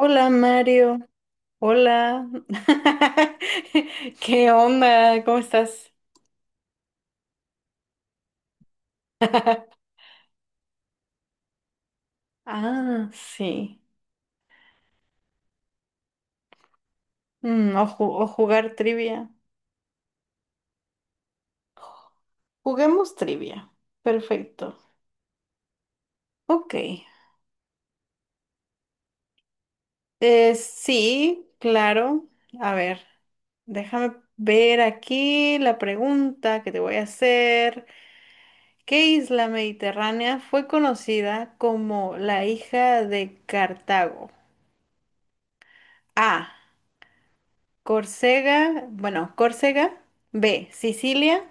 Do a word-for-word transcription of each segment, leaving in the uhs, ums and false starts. Hola Mario, hola. ¿Qué onda? ¿Cómo estás? Ah, sí. Mm, o, ju- o jugar trivia. Juguemos trivia. Perfecto. Ok. Eh, sí, claro. A ver, déjame ver aquí la pregunta que te voy a hacer. ¿Qué isla mediterránea fue conocida como la hija de Cartago? A. Córcega, bueno, Córcega, B, Sicilia,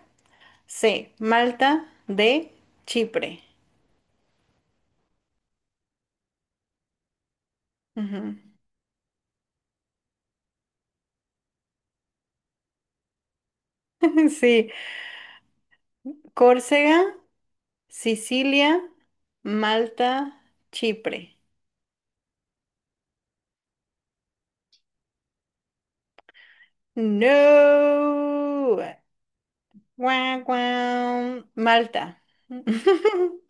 C, Malta, D, Chipre. Ujú. Sí, Córcega, Sicilia, Malta, Chipre. No. Guau, guau. Malta.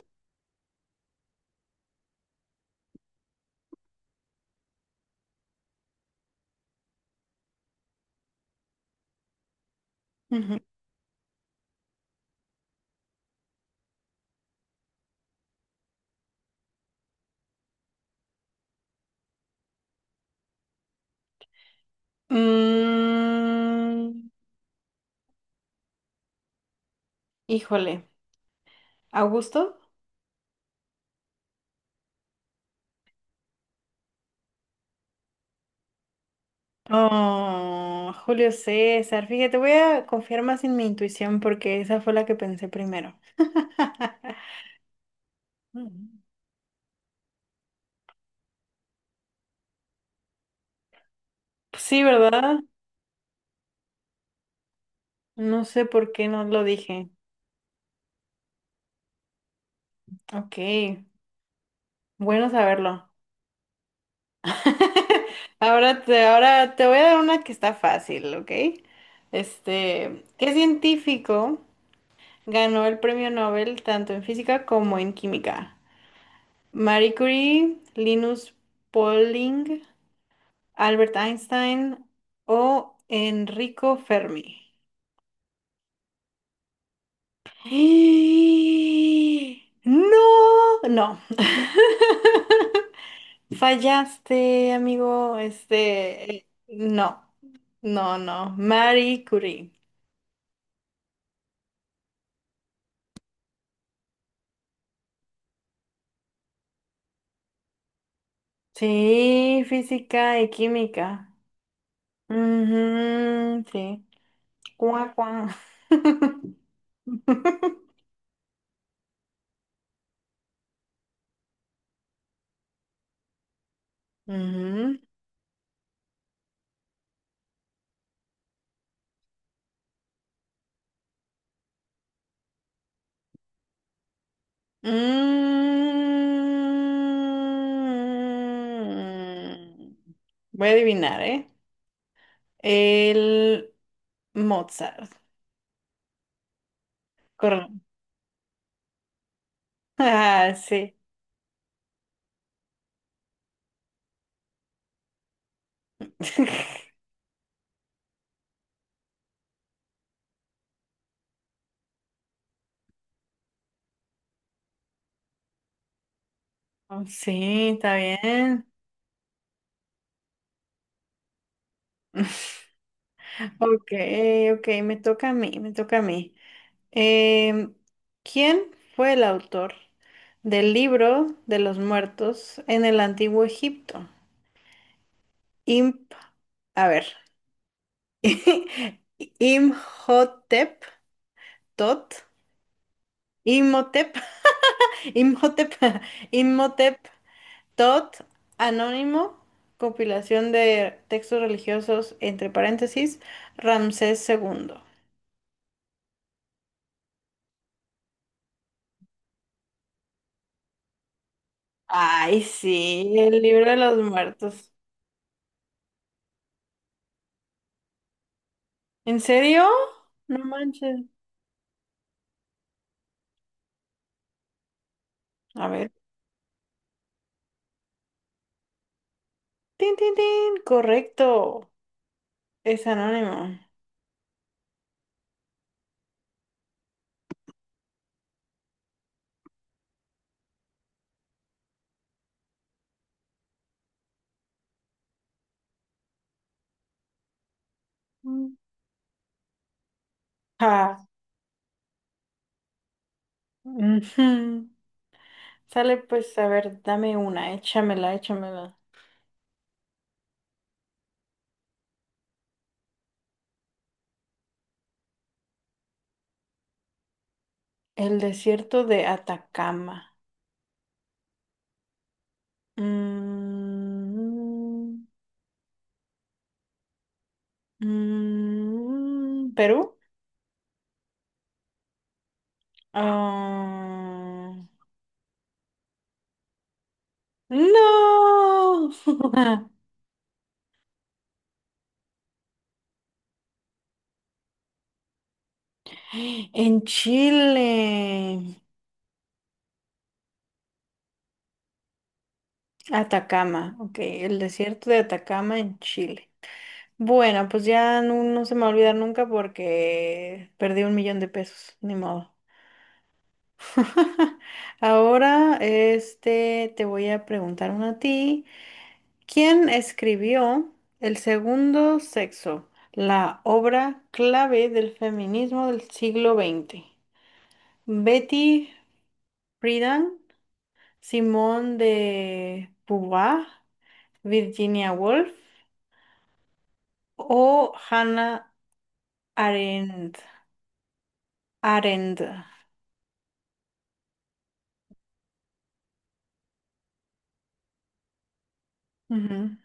Ujú. Mm, híjole, ¿Augusto? Oh, Julio César, fíjate, voy a confiar más en mi intuición porque esa fue la que pensé primero. Mm. Sí, ¿verdad? No sé por qué no lo dije. Ok, bueno saberlo. Ahora te, ahora te voy a dar una que está fácil, ¿ok? Este, ¿qué científico ganó el premio Nobel tanto en física como en química? Marie Curie, Linus Pauling, Albert Einstein o Enrico Fermi. ¡Eh! No, no, fallaste, amigo. Este, no, no, no. Marie Curie. Sí, física y química. Ujú, sí. Cuá, cuá. Ujú. Mm. Voy a adivinar, ¿eh? El Mozart, correcto. Ah, sí. Sí, está bien. Ok, ok, me toca a mí, me toca a mí. Em, ¿quién fue el autor del libro de los muertos en el antiguo Egipto? Imp, a ver. Imhotep, Tot, Imhotep, Imhotep, Imhotep Tot Anónimo, compilación de textos religiosos, entre paréntesis, Ramsés segundo. Ay, sí, el libro de los muertos. ¿En serio? No manches. A ver. Tin, tin, tin. Correcto. Es anónimo. Mm. Ja. Ujú. Sale pues, a ver, dame una, échamela, échamela. El desierto de Atacama. Mm, mm, mm, ¿Perú? Ah, no. En Chile. Atacama, ok, el desierto de Atacama en Chile. Bueno, pues ya no, no se me va a olvidar nunca porque perdí un millón de pesos, ni modo. Ahora, este, te voy a preguntar una a ti. ¿Quién escribió El segundo sexo, la obra clave del feminismo del siglo veinte? Betty Friedan, Simone de Beauvoir, Virginia Woolf o Hannah Arendt. Arendt. Ujú.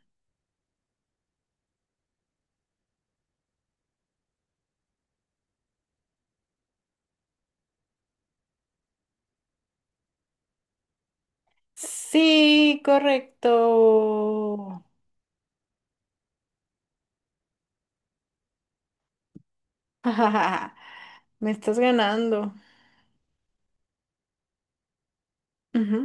Sí, correcto. Me estás ganando. Ujú.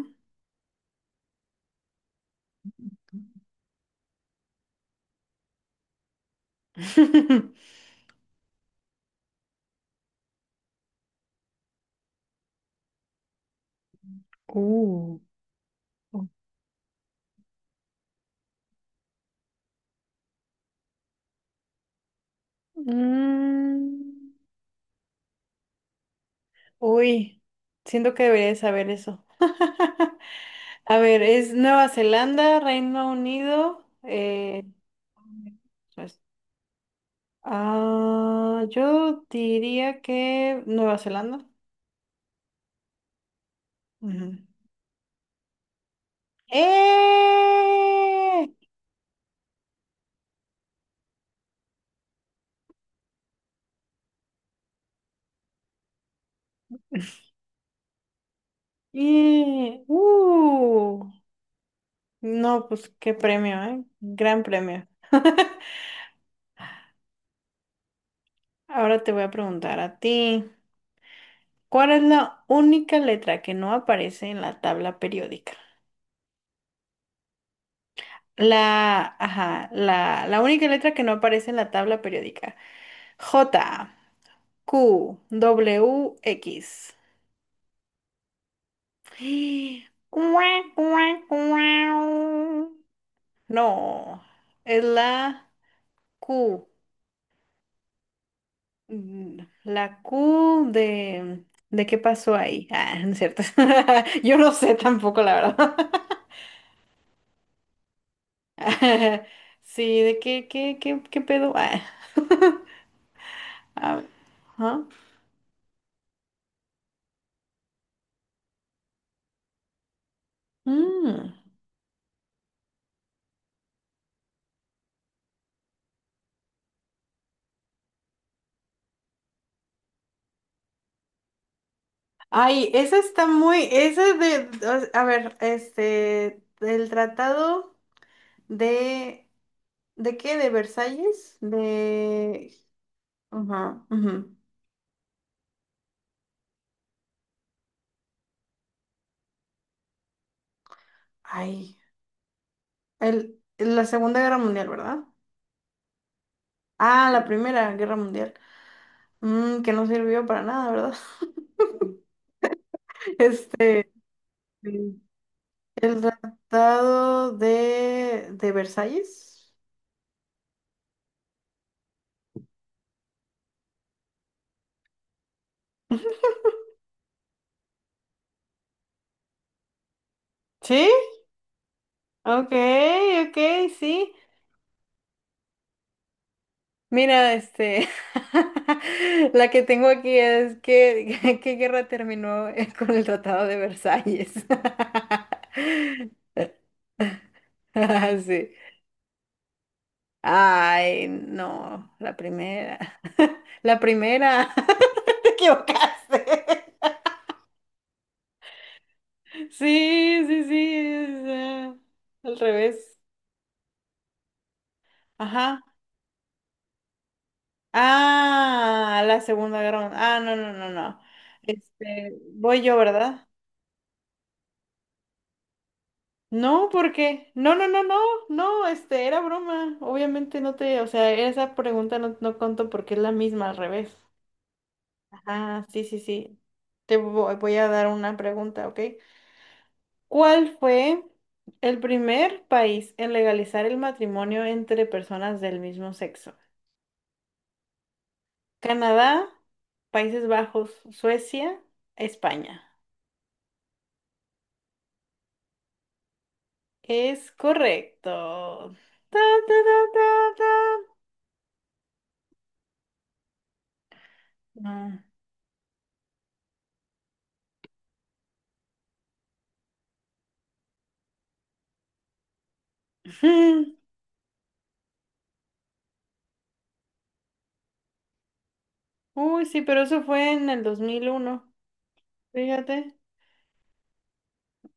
Uh. Mm, uy, siento que debería de saber eso. A ver, es Nueva Zelanda, Reino Unido. eh, pues, ah, yo diría que Nueva Zelanda. Ujú. ¡Eh! Y, uh, no, pues qué premio, ¿eh? Gran premio. Ahora te voy a preguntar a ti, ¿cuál es la única letra que no aparece en la tabla periódica? La, ajá, la, la única letra que no aparece en la tabla periódica. J, Q, W, X. Cuac, cuac, cuau. No, es la Q. Mm, la Q de... ¿De qué pasó ahí? Ah, no es cierto. Yo no sé tampoco, la verdad. Sí, ¿de qué, qué, qué, qué pedo? Ah, a ver, ajá. Mm. Ay, esa está muy... Esa de... A ver, este... El tratado... ¿De, de qué? ¿De Versalles? De... Ajá, ujú. Ay, el, la Segunda Guerra Mundial, ¿verdad? Ah, la Primera Guerra Mundial. Mm, que no sirvió para nada, ¿verdad? Este, sí. El Tratado de, de Versalles. ¿Sí? Ok, ok, sí. Mira, este, la que tengo aquí es que, ¿qué guerra terminó, eh, con el Tratado de Versalles? Sí. Ay, no, la primera. La primera. Te equivocaste. Sí, sí, sí. es, eh, al revés. Ajá. Ah, la Segunda Guerra Mundial. Ah, no, no, no, no. Este, voy yo, ¿verdad? No, porque. No, no, no, no. No, este, era broma. Obviamente no te. O sea, esa pregunta no, no conto porque es la misma al revés. Ajá, sí, sí, sí. Te vo- voy a dar una pregunta, ¿ok? ¿Cuál fue el primer país en legalizar el matrimonio entre personas del mismo sexo? Canadá, Países Bajos, Suecia, España. Es correcto. Ta, ta, ta, ta, ta. No. Uy, sí, pero eso fue en el dos mil uno. Fíjate.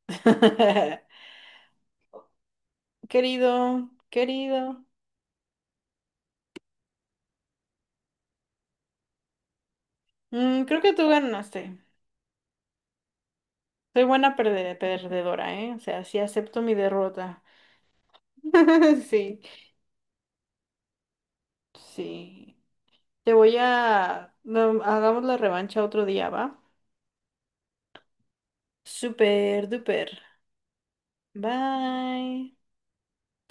Querido, querido. Mm, creo que tú ganaste. Soy buena perde- perdedora, ¿eh? O sea, sí acepto mi derrota. Sí. Sí. Te voy a... no, hagamos la revancha otro día, ¿va? Super duper. Bye.